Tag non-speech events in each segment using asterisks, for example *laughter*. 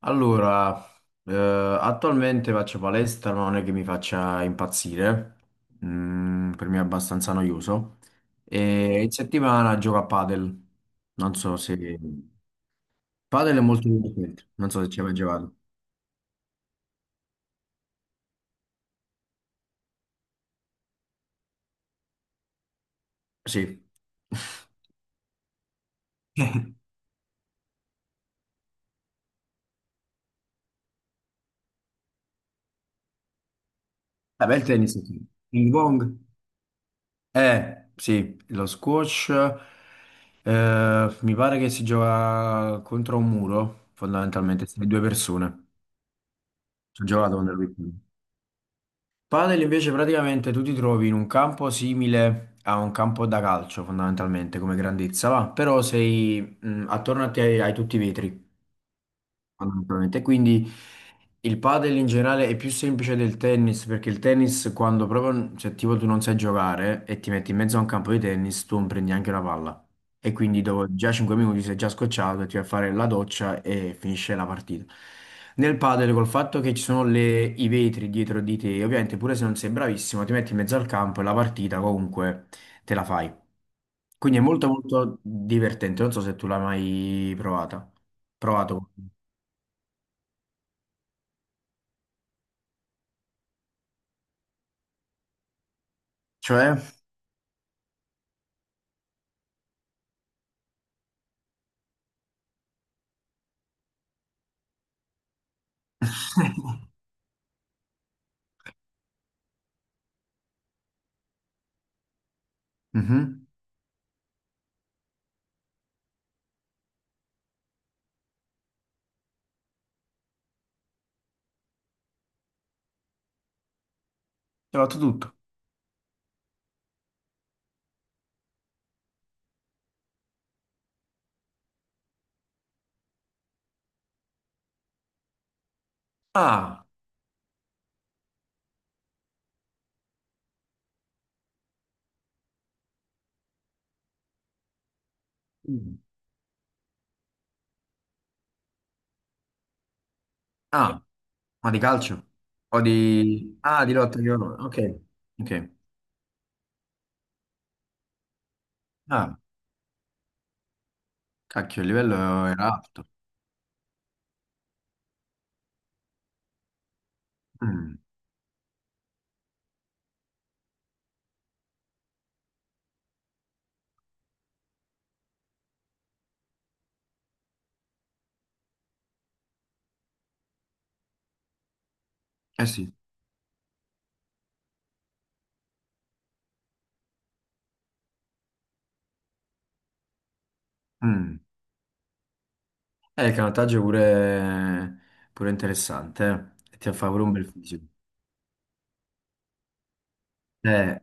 Allora, eh, attualmente faccio palestra, ma non è che mi faccia impazzire. Mm, per me è abbastanza noioso. E in settimana gioco a padel, non so se... Padel è molto divertente, non so se ci hai mai giocato. Sì. *laughs* Vabbè, il tennis, ok. Ping pong. Eh sì, lo squash, mi pare che si gioca contro un muro, fondamentalmente, se due persone. Ci ho giocato quando ero piccolo. Padel invece praticamente tu ti trovi in un campo simile a un campo da calcio fondamentalmente come grandezza, va, però sei attorno a te hai tutti i vetri, fondamentalmente. Quindi il padel in generale è più semplice del tennis perché il tennis quando proprio, cioè tipo tu non sai giocare e ti metti in mezzo a un campo di tennis, tu non prendi neanche una palla. E quindi dopo già 5 minuti sei già scocciato e ti vai a fare la doccia e finisce la partita. Nel padel col fatto che ci sono i vetri dietro di te, ovviamente pure se non sei bravissimo ti metti in mezzo al campo e la partita comunque te la fai. Quindi è molto molto divertente, non so se tu l'hai mai provata. Provato. Cioè, mhm. Ho fatto tutto. Ah, mm. Ah, ma di calcio? O di... Ah, di lotta di valore. Ok, ok. Ah, cacchio, il livello era alto. Mm. Eh sì. Mm. Il canottaggio è pure... pure interessante, eh. Ti fa pure un bel fisico. Eh,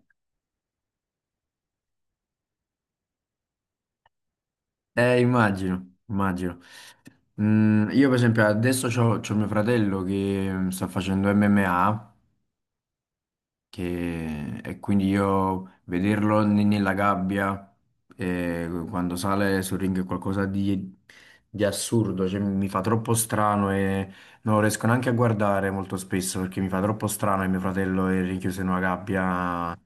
immagino, immagino. Mm, io per esempio adesso c'ho mio fratello che mm, sta facendo MMA e quindi io vederlo nella gabbia, quando sale sul ring è qualcosa di assurdo, cioè, mi fa troppo strano e non lo riesco neanche a guardare molto spesso perché mi fa troppo strano che mio fratello è rinchiuso in una gabbia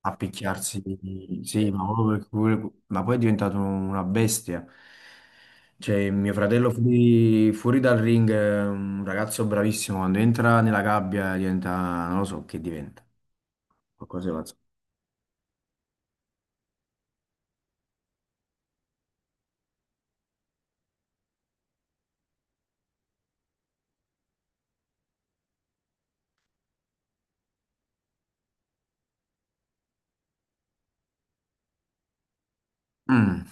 a picchiarsi, sì, ma, proprio perché ma poi è diventato una bestia. Cioè, mio fratello fuori, fuori dal ring è un ragazzo bravissimo, quando entra nella gabbia diventa, non lo so che diventa qualcosa va. Mm.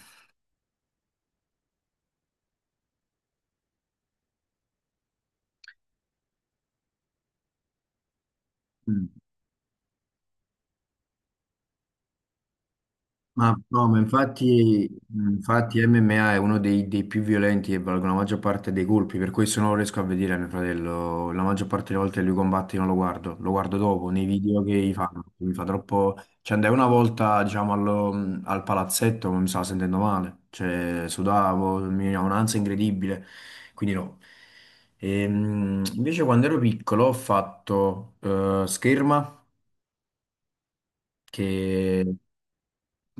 Mm. Ma no, ma infatti, infatti MMA è uno dei più violenti e valgono la maggior parte dei colpi, per questo non lo riesco a vedere a mio fratello. La maggior parte delle volte lui combatte io non lo guardo, lo guardo dopo nei video che gli fanno. Mi fa troppo. Ci andai una volta, diciamo, al palazzetto, ma mi stavo sentendo male, cioè sudavo, mi veniva un'ansia incredibile, quindi no. Invece quando ero piccolo ho fatto scherma. Che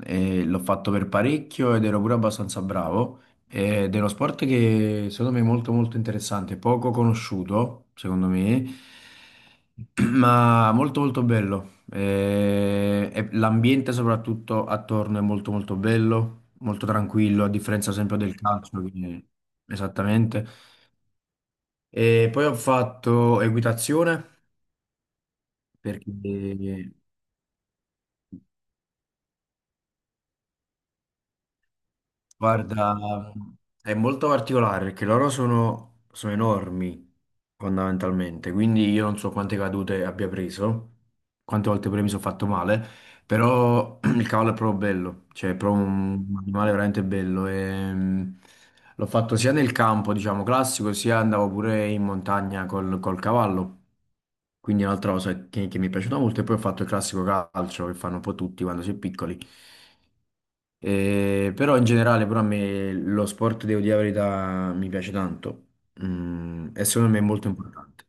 e l'ho fatto per parecchio ed ero pure abbastanza bravo. Ed è uno sport che secondo me è molto molto interessante, poco conosciuto, secondo me, *clears throat* ma molto molto bello. E l'ambiente soprattutto attorno è molto molto bello, molto tranquillo, a differenza sempre del calcio, quindi- esattamente. E poi ho fatto equitazione perché... Guarda, è molto particolare perché loro sono enormi fondamentalmente, quindi io non so quante cadute abbia preso, quante volte pure mi sono fatto male, però *clears throat* il cavallo è proprio bello, cioè è proprio un animale veramente bello. E, l'ho fatto sia nel campo, diciamo, classico, sia andavo pure in montagna col cavallo, quindi è un'altra cosa che mi è piaciuta molto e poi ho fatto il classico calcio che fanno un po' tutti quando si è piccoli. Però in generale, però a me lo sport, devo dire la verità, mi piace tanto. Mm, e secondo me è molto importante.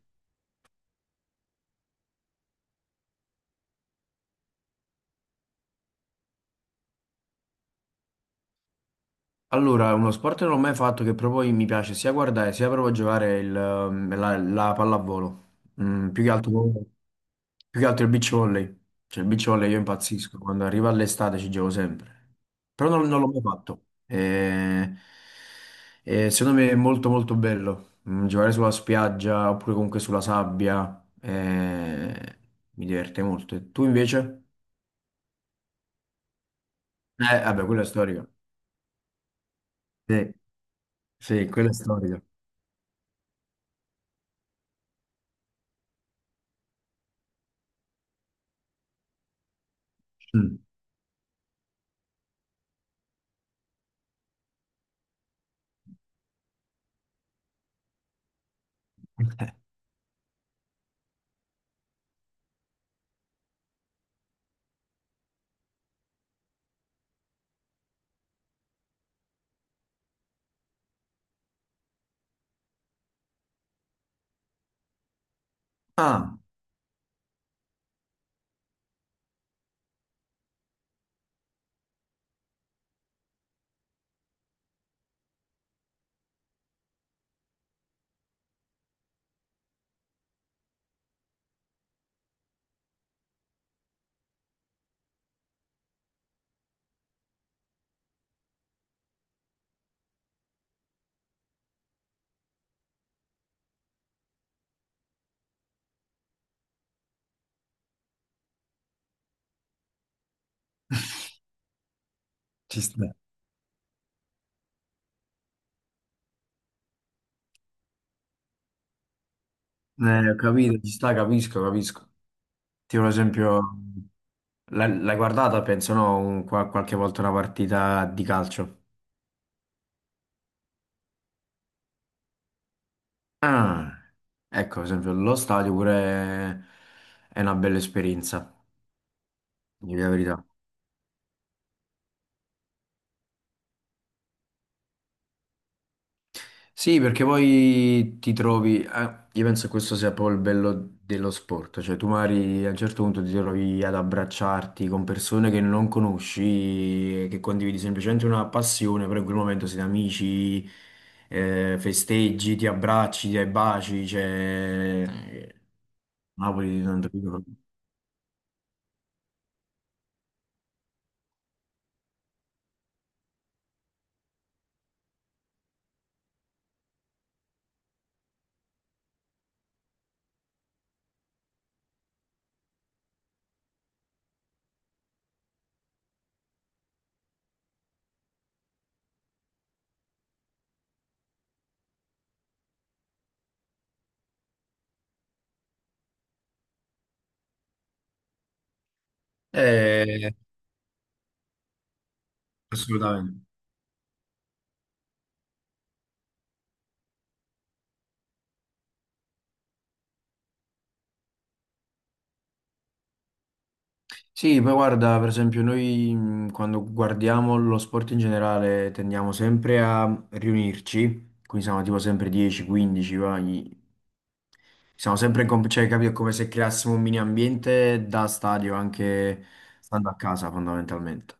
Allora, uno sport che non ho mai fatto che proprio mi piace sia guardare sia proprio giocare la pallavolo. Mm, più che altro il beach volley. Cioè, il beach volley io impazzisco. Quando arriva l'estate ci gioco sempre. Però non l'ho mai fatto. Secondo me è molto molto bello. Mm, giocare sulla spiaggia oppure comunque sulla sabbia. Mi diverte molto. E tu invece? Vabbè, quella è storica. Sì, sì, quella è storica. Mm. *laughs* Ah. Ci sta. Ho capito, ci sta, capisco, capisco. Tipo, ad esempio, l'hai guardata, penso, no? Qualche volta una partita di calcio. Ah, ecco, ad esempio, lo stadio pure è una bella esperienza, di la verità. Sì, perché poi ti trovi, io penso che questo sia poi il bello dello sport, cioè tu magari a un certo punto ti trovi ad abbracciarti con persone che non conosci, che condividi semplicemente una passione, però in quel momento siete amici, festeggi, ti abbracci, ti dai baci, cioè... Napoli non ti dico. Eh, assolutamente. Sì, poi guarda, per esempio, noi quando guardiamo lo sport in generale tendiamo sempre a riunirci, quindi siamo tipo sempre 10, 15, vai. Siamo sempre in cioè, capito, è come se creassimo un mini ambiente da stadio anche stando a casa fondamentalmente.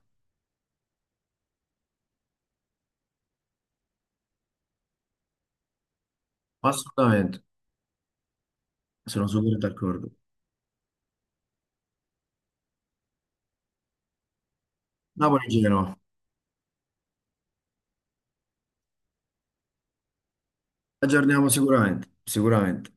Assolutamente, sono super d'accordo. Napoli-Genoa, aggiorniamo sicuramente, sicuramente.